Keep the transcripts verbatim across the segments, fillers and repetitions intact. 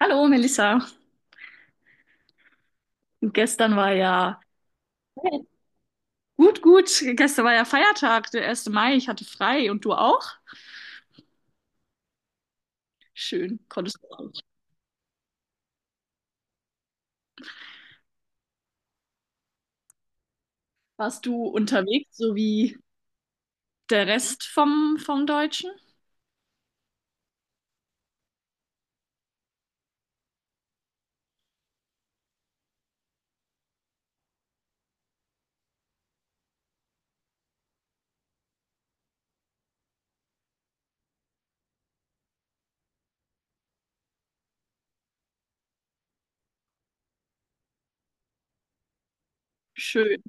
Hallo Melissa. Gestern war ja gut, gut. Gestern war ja Feiertag, der erste Mai. Ich hatte frei und du auch? Schön, konntest du auch. Warst du unterwegs, so wie der Rest vom, vom Deutschen? Schön.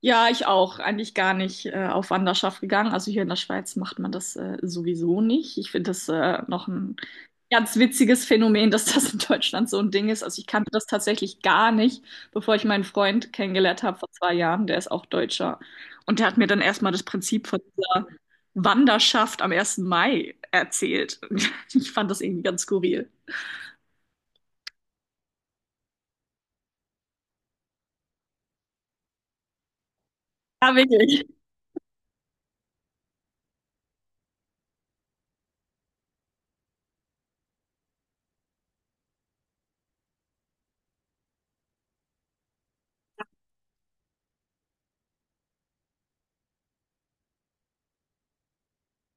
Ja, ich auch. Eigentlich gar nicht äh, auf Wanderschaft gegangen. Also hier in der Schweiz macht man das äh, sowieso nicht. Ich finde das äh, noch ein ganz witziges Phänomen, dass das in Deutschland so ein Ding ist. Also ich kannte das tatsächlich gar nicht, bevor ich meinen Freund kennengelernt habe vor zwei Jahren. Der ist auch Deutscher. Und der hat mir dann erstmal das Prinzip von dieser Wanderschaft am ersten Mai erzählt. Ich fand das irgendwie ganz skurril. Ja, wirklich.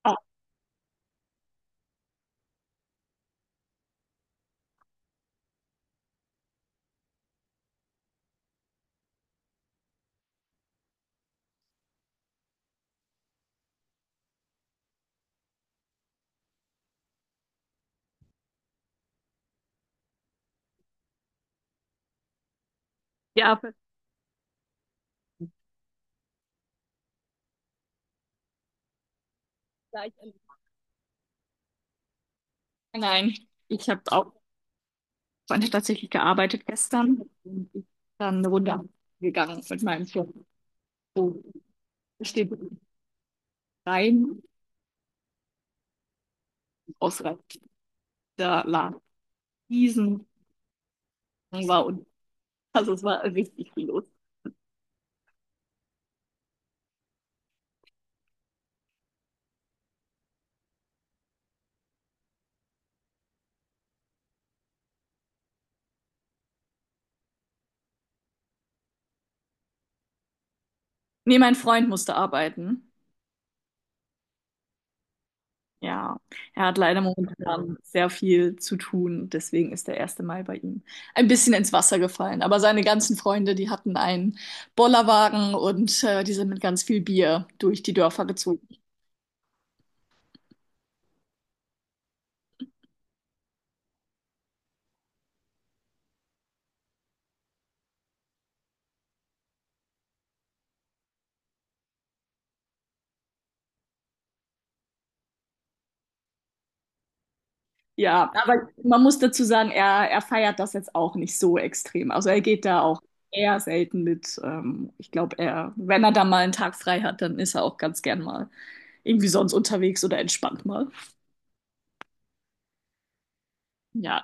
Ja, ja, vielleicht. Nein, ich habe auch habe tatsächlich gearbeitet gestern und ich bin dann eine Runde gegangen mit meinem Chef. So steht rein, ausreichend der Laden diesen war und also es war richtig viel los. Nee, mein Freund musste arbeiten. Ja, er hat leider momentan sehr viel zu tun, deswegen ist der erste Mai bei ihm ein bisschen ins Wasser gefallen. Aber seine ganzen Freunde, die hatten einen Bollerwagen und äh, die sind mit ganz viel Bier durch die Dörfer gezogen. Ja, aber man muss dazu sagen, er, er feiert das jetzt auch nicht so extrem. Also er geht da auch eher selten mit. Ähm, ich glaube, er, wenn er da mal einen Tag frei hat, dann ist er auch ganz gern mal irgendwie sonst unterwegs oder entspannt mal. Ja,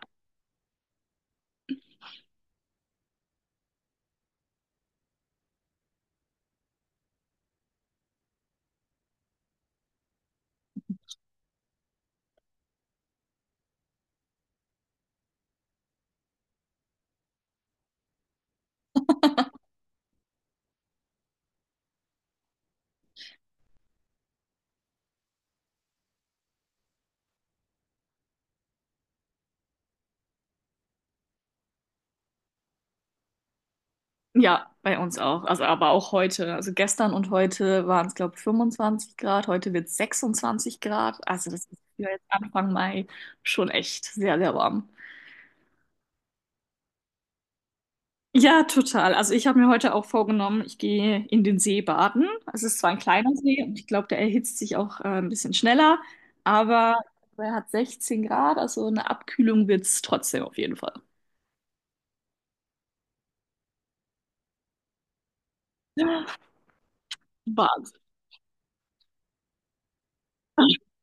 ja, bei uns auch. Also aber auch heute. Also gestern und heute waren es, glaube ich, fünfundzwanzig Grad. Heute wird es sechsundzwanzig Grad. Also das ist für jetzt Anfang Mai schon echt sehr, sehr warm. Ja, total. Also ich habe mir heute auch vorgenommen, ich gehe in den See baden. Es ist zwar ein kleiner See und ich glaube, der erhitzt sich auch äh, ein bisschen schneller, aber er hat sechzehn Grad, also eine Abkühlung wird es trotzdem auf jeden Fall. Wahnsinn.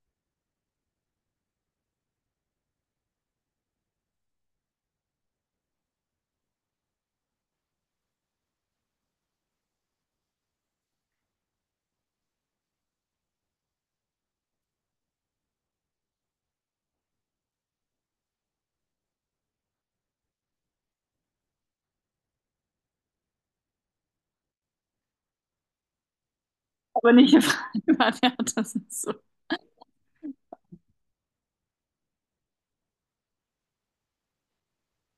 Aber nicht im Freibad, ja, das ist so.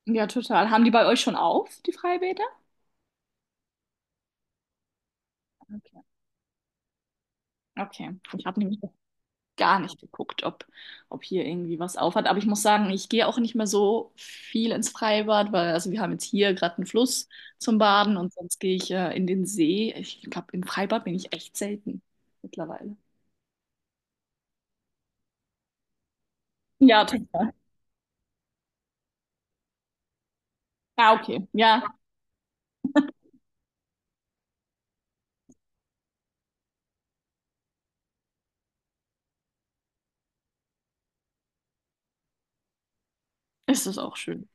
Ja, total. Haben die bei euch schon auf, die Freibäder? Okay. Okay. Ich habe nämlich gar nicht geguckt, ob, ob hier irgendwie was aufhat. Aber ich muss sagen, ich gehe auch nicht mehr so viel ins Freibad, weil also wir haben jetzt hier gerade einen Fluss zum Baden und sonst gehe ich äh, in den See. Ich glaube, im Freibad bin ich echt selten mittlerweile. Ja, total. Ah, okay. Ja, ist es auch schön.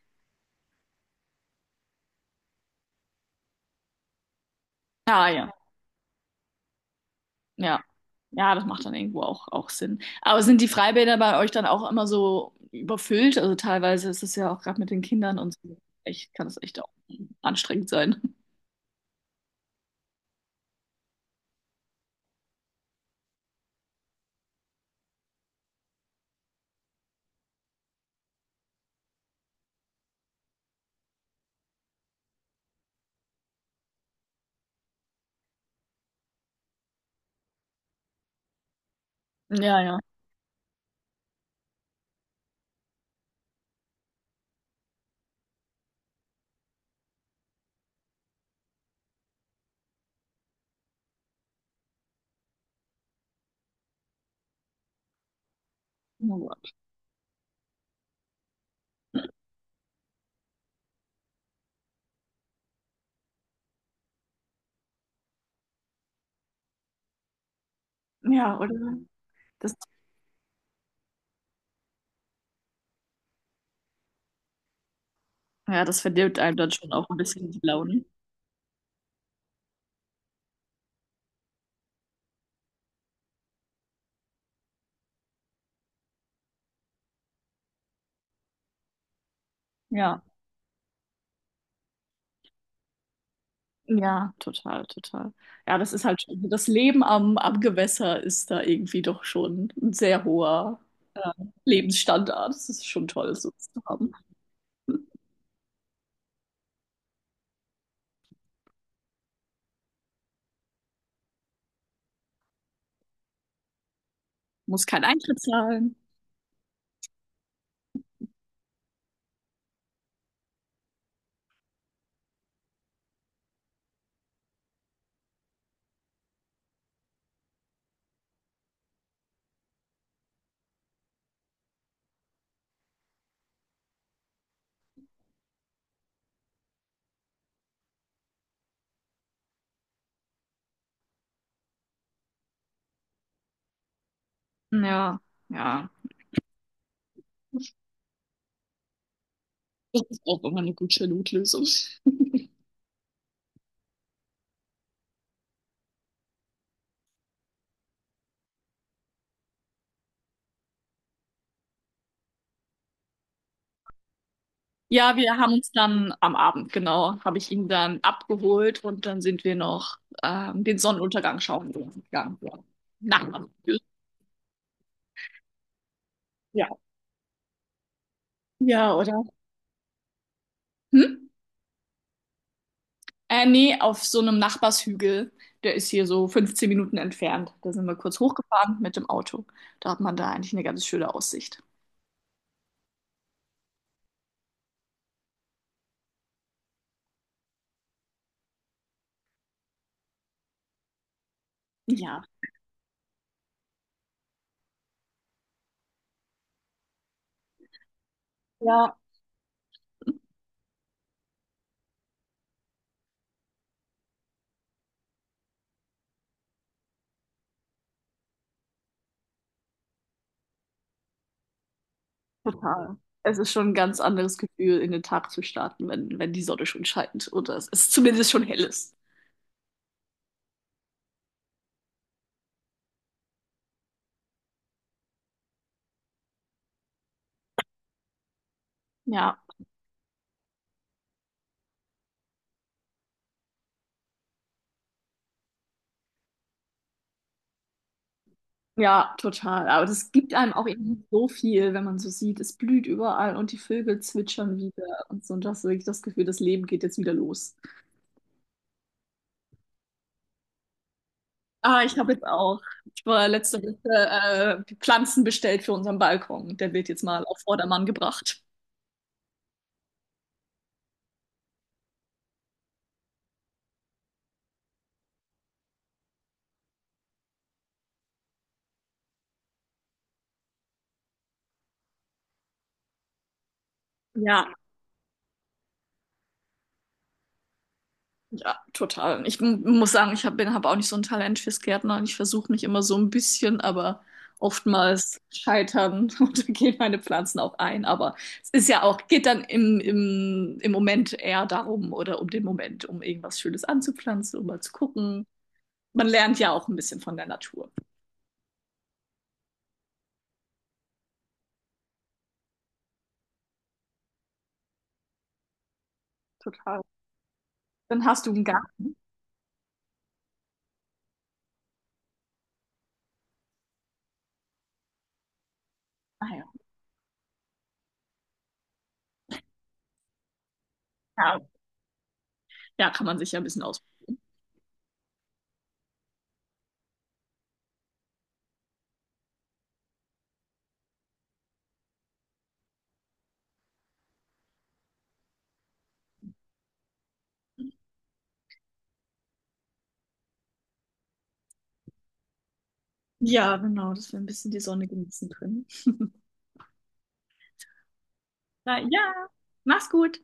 Ah, ja, ja. Ja, das macht dann irgendwo auch, auch Sinn. Aber sind die Freibäder bei euch dann auch immer so überfüllt? Also teilweise ist es ja auch gerade mit den Kindern und so. Echt, kann es echt auch anstrengend sein. Ja, ja. Oh Gott. Ja, oder? Das, ja, das verdirbt einem dann schon auch ein bisschen die Laune. Ja, ja, total, total. Ja, das ist halt schon, also das Leben am, am Gewässer ist da irgendwie doch schon ein sehr hoher äh, Lebensstandard. Das ist schon toll, so was zu haben. Muss kein Eintritt zahlen. Ja, ja. Das ist auch immer eine gute Notlösung. Ja, wir haben uns dann am Abend, genau, habe ich ihn dann abgeholt und dann sind wir noch ähm, den Sonnenuntergang schauen gegangen. Ja. Nachbarn. Ja. Ja, oder? Hm? Äh, nee, auf so einem Nachbarshügel. Der ist hier so fünfzehn Minuten entfernt. Da sind wir kurz hochgefahren mit dem Auto. Da hat man da eigentlich eine ganz schöne Aussicht. Ja. Ja, total. Es ist schon ein ganz anderes Gefühl, in den Tag zu starten, wenn, wenn die Sonne schon scheint oder es ist zumindest schon hell ist. Ja, ja, total. Aber das gibt einem auch irgendwie so viel, wenn man so sieht, es blüht überall und die Vögel zwitschern wieder und so. Und das ist wirklich das Gefühl, das Leben geht jetzt wieder los. Ah, ich habe jetzt auch. Ich war letzte Woche äh, Pflanzen bestellt für unseren Balkon. Der wird jetzt mal auf Vordermann gebracht. Ja. Ja, total. Ich m- muss sagen, ich hab, bin, habe auch nicht so ein Talent fürs Gärtnern. Ich versuche mich immer so ein bisschen, aber oftmals scheitern und dann gehen meine Pflanzen auch ein. Aber es ist ja auch, geht dann im, im, im Moment eher darum oder um den Moment, um irgendwas Schönes anzupflanzen, um mal zu gucken. Man lernt ja auch ein bisschen von der Natur. Total. Dann hast du einen Garten. Ah ja. Ja, Ja, kann man sich ja ein bisschen aus. Ja, genau, dass wir ein bisschen die Sonne genießen können. Na ja, mach's gut.